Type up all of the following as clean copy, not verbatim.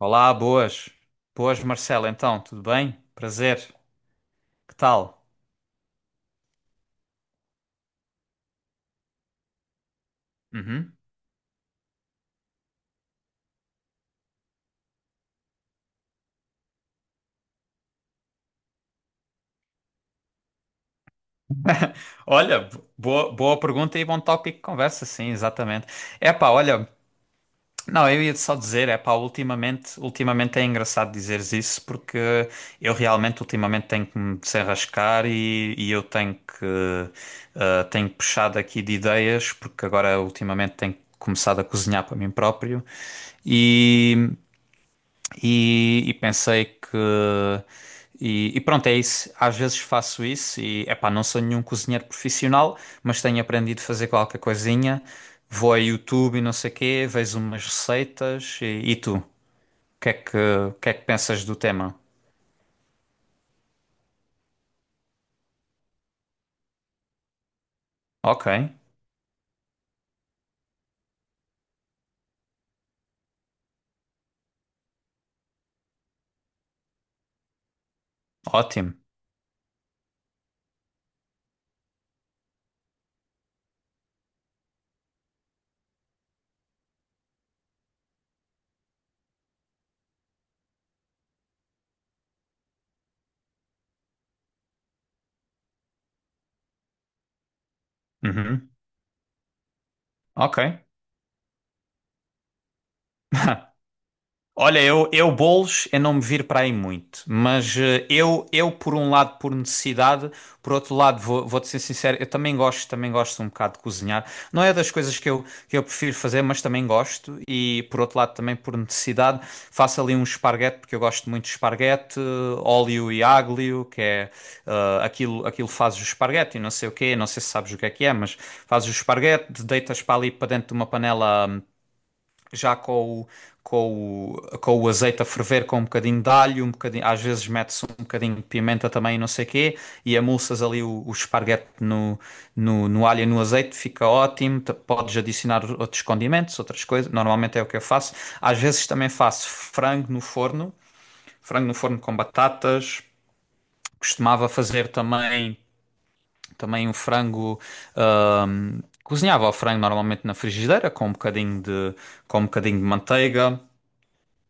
Olá, boas. Boas, Marcelo. Então, tudo bem? Prazer. Que tal? Uhum. Olha, boa pergunta e bom tópico de conversa, sim, exatamente. Epá, olha, não, eu ia só dizer, epá, ultimamente é engraçado dizeres isso porque eu realmente ultimamente tenho que me desenrascar e eu tenho que, tenho puxado aqui de ideias porque agora ultimamente tenho começado a cozinhar para mim próprio. E, E, e pensei que. E, pronto, é isso. Às vezes faço isso e, epá, não sou nenhum cozinheiro profissional, mas tenho aprendido a fazer qualquer coisinha. Vou a YouTube e não sei quê, vejo umas receitas. E tu? O que é que pensas do tema? Ok, ótimo. Uhum, Ok. Olha, eu bolos é não me vir para aí muito, mas eu por um lado por necessidade, por outro lado vou-te ser sincero, eu também gosto um bocado de cozinhar. Não é das coisas que eu prefiro fazer, mas também gosto e por outro lado também por necessidade faço ali um esparguete porque eu gosto muito de esparguete, óleo e aglio, que é aquilo fazes o esparguete e não sei o quê, não sei se sabes o que é, mas fazes o esparguete, deitas para ali para dentro de uma panela já com o azeite a ferver com um bocadinho de alho, um bocadinho, às vezes mete-se um bocadinho de pimenta também, e não sei quê, e amulsas ali o esparguete no alho e no azeite, fica ótimo. Podes adicionar outros condimentos, outras coisas, normalmente é o que eu faço. Às vezes também faço frango no forno com batatas, costumava fazer também. Também um frango, cozinhava o frango normalmente na frigideira com um bocadinho de manteiga.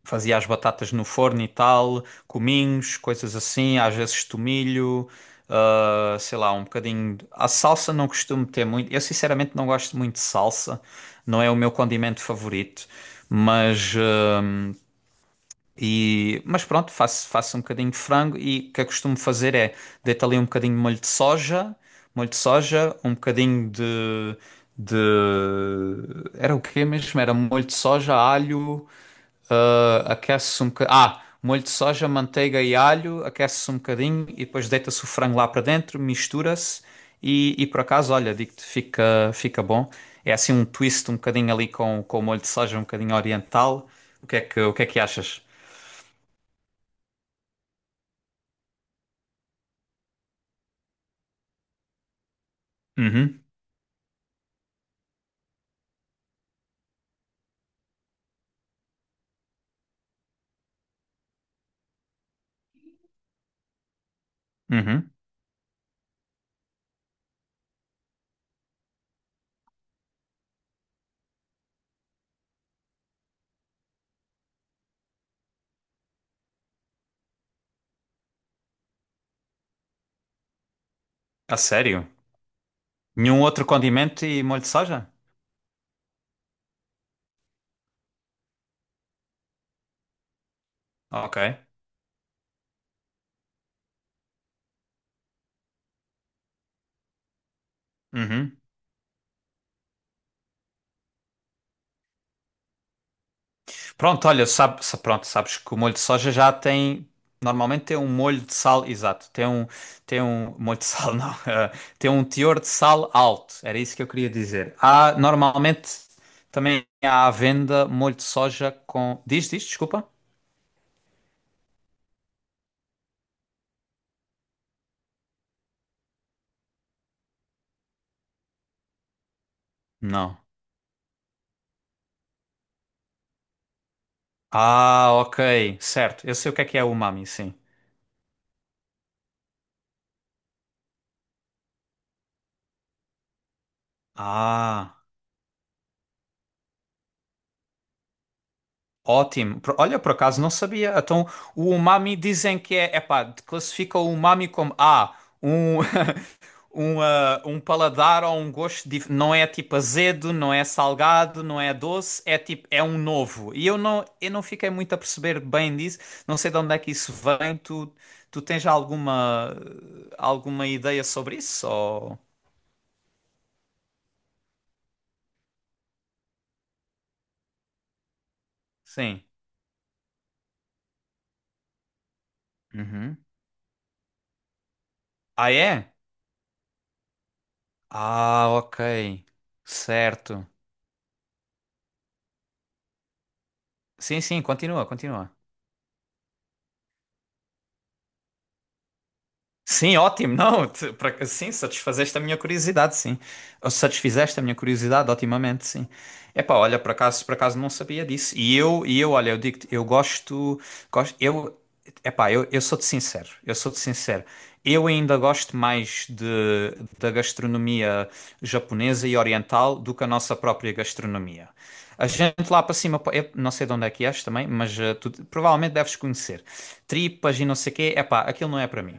Fazia as batatas no forno e tal, cominhos, coisas assim, às vezes tomilho, ah, sei lá, um bocadinho. A salsa não costumo ter muito. Eu sinceramente não gosto muito de salsa, não é o meu condimento favorito, mas. ah, mas pronto, faço um bocadinho de frango e o que eu costumo fazer é deito ali um bocadinho de molho de soja, de... Era o quê mesmo? Era molho de soja, alho, ah, aquece-se um bocadinho. Ah, molho de soja, manteiga e alho, aquece-se um bocadinho e depois deita-se o frango lá para dentro, mistura-se e por acaso, olha, digo-te, fica bom. É assim um twist um bocadinho ali com o molho de soja, um bocadinho oriental. O que é que achas? Uhum, uhum. A sério? Nenhum outro condimento e molho de soja? Ok. Uhum. Pronto, olha, pronto, sabes que o molho de soja já tem. Normalmente tem um molho de sal, exato. Tem um molho de sal, não. Tem um teor de sal alto. Era isso que eu queria dizer. Há, normalmente também há à venda molho de soja com. Diz, diz, desculpa? Não. Ah, ok, certo. Eu sei o que é umami, sim. Ah. Ótimo. Olha, por acaso não sabia. Então, o umami dizem que é, epá, classifica o umami como um, um paladar ou um gosto não é tipo azedo, não é salgado, não é doce, é tipo é um novo. E eu não fiquei muito a perceber bem disso. Não sei de onde é que isso vem. Tu tens alguma ideia sobre isso? Ou... Sim. Uhum. Ah, é? Ah, ok. Certo. Sim, sim, continua, continua. Sim, ótimo. Não, sim, satisfazeste a minha curiosidade, sim. Ou satisfizeste a minha curiosidade, otimamente, sim. Epá, olha, por acaso não sabia disso. Olha, eu digo-te, eu gosto, gosto, eu, epá, eu sou-te sincero, eu sou-te sincero. Eu ainda gosto mais de, da gastronomia japonesa e oriental do que a nossa própria gastronomia. A gente lá para cima, pá, eu não sei de onde é que és também, mas tu provavelmente deves conhecer. Tripas e não sei o quê, epá, aquilo não é para mim.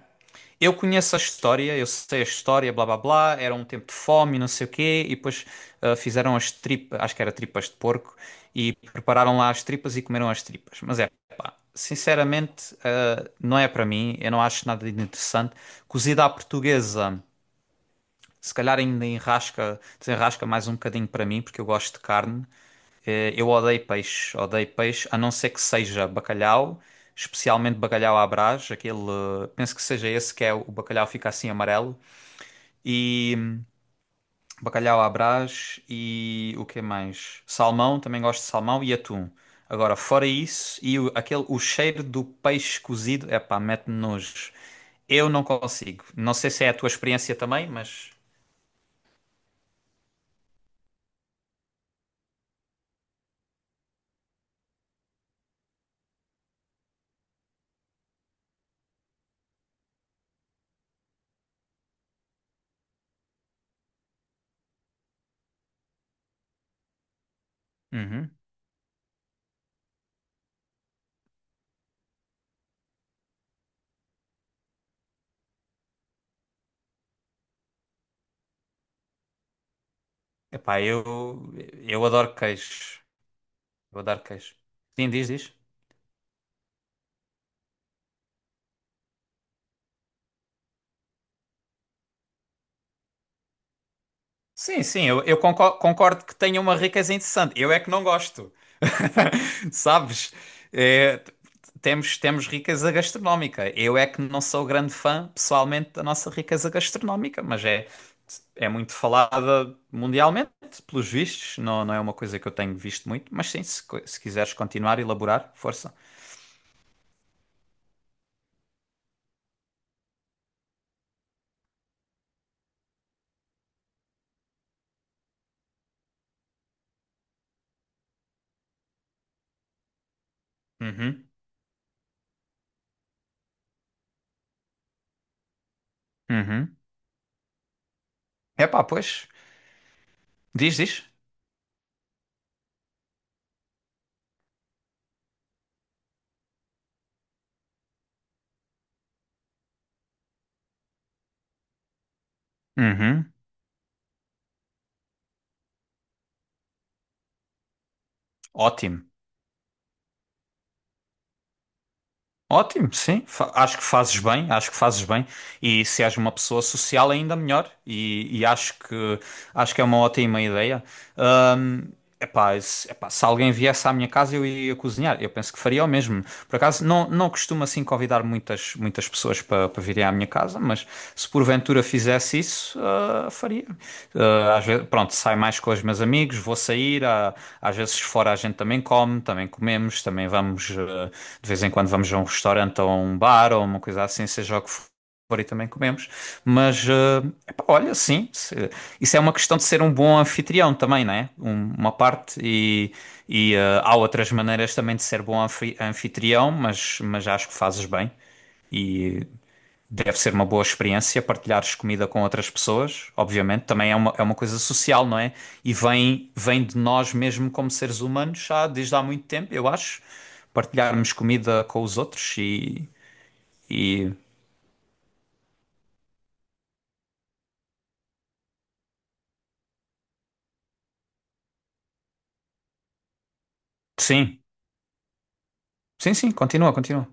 Eu conheço a história, eu sei a história, blá blá blá, era um tempo de fome, não sei o quê, e depois ah, fizeram as tripas, acho que era tripas de porco, e prepararam lá as tripas e comeram as tripas. Mas é, pá, sinceramente, ah, não é para mim, eu não acho nada de interessante. Cozida à portuguesa, se calhar ainda enrasca, desenrasca mais um bocadinho para mim, porque eu gosto de carne, eu odeio peixe, a não ser que seja bacalhau, especialmente bacalhau à Brás, aquele, penso que seja esse que é o bacalhau fica assim amarelo, e bacalhau à Brás e o que mais? Salmão, também gosto de salmão e atum. Agora, fora isso, o cheiro do peixe cozido, epá, mete-me nojo. Eu não consigo. Não sei se é a tua experiência também, mas... Uhum. Epá, eu adoro queijo. Eu adoro queijo. Sim, diz, diz. Sim, sim, concordo que tenha uma riqueza interessante. Eu é que não gosto. Sabes? É, t- temos, temos riqueza gastronómica. Eu é que não sou grande fã, pessoalmente, da nossa riqueza gastronómica, mas é, é muito falada mundialmente, pelos vistos. Não, não é uma coisa que eu tenho visto muito, mas sim, se, se quiseres continuar, elaborar, força. Uhum, uhum. Epá, pois. Diz, diz. Uhum. Ótimo. Ótimo, sim. Acho que fazes bem, acho que fazes bem. E se és uma pessoa social, é ainda melhor. Acho que é uma ótima ideia. Ahm, epá, se alguém viesse à minha casa, eu iria cozinhar. Eu penso que faria o mesmo. Por acaso, não, não costumo assim convidar muitas pessoas para virem à minha casa, mas se porventura fizesse isso, ah, faria. Ah, às vezes, pronto, é mais com os meus amigos, vou sair, ah, às vezes fora a gente também come, também comemos, também vamos, de vez em quando vamos a um restaurante ou a um bar ou uma coisa assim, seja o que for, e também comemos. Mas, epá, olha, sim, isso é uma questão de ser um bom anfitrião também, não é? Uma parte, há outras maneiras também de ser bom anfitrião, mas acho que fazes bem. E deve ser uma boa experiência partilhares comida com outras pessoas, obviamente, também é uma coisa social, não é? E vem, vem de nós mesmo como seres humanos já desde há muito tempo, eu acho, partilharmos comida com os outros e sim, sim, sim, continua, continua.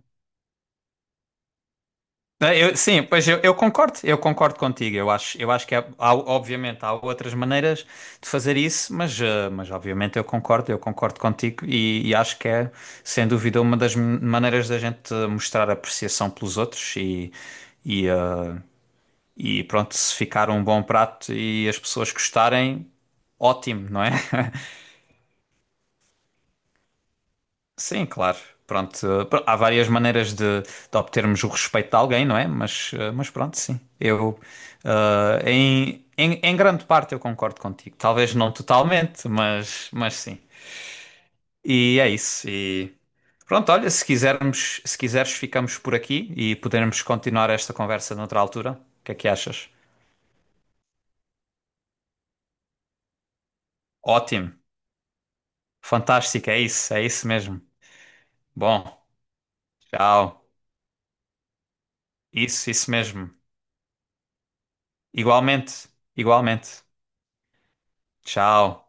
Sim, pois eu concordo contigo. Eu acho que há, obviamente há outras maneiras de fazer isso, mas, mas obviamente eu concordo contigo e acho que é, sem dúvida, uma das maneiras da gente mostrar apreciação pelos outros e, eh, e pronto, se ficar um bom prato e as pessoas gostarem, ótimo, não é? Sim, claro. Pronto, há várias maneiras de obtermos o respeito de alguém, não é? Mas, mas pronto, sim. Eu, em grande parte eu concordo contigo. Talvez não totalmente, mas sim. E é isso. E pronto, olha, se quiseres, ficamos por aqui e podermos continuar esta conversa noutra altura. O que é que achas? Ótimo. Fantástico, é isso mesmo. Bom, tchau. Isso mesmo. Igualmente, igualmente. Tchau.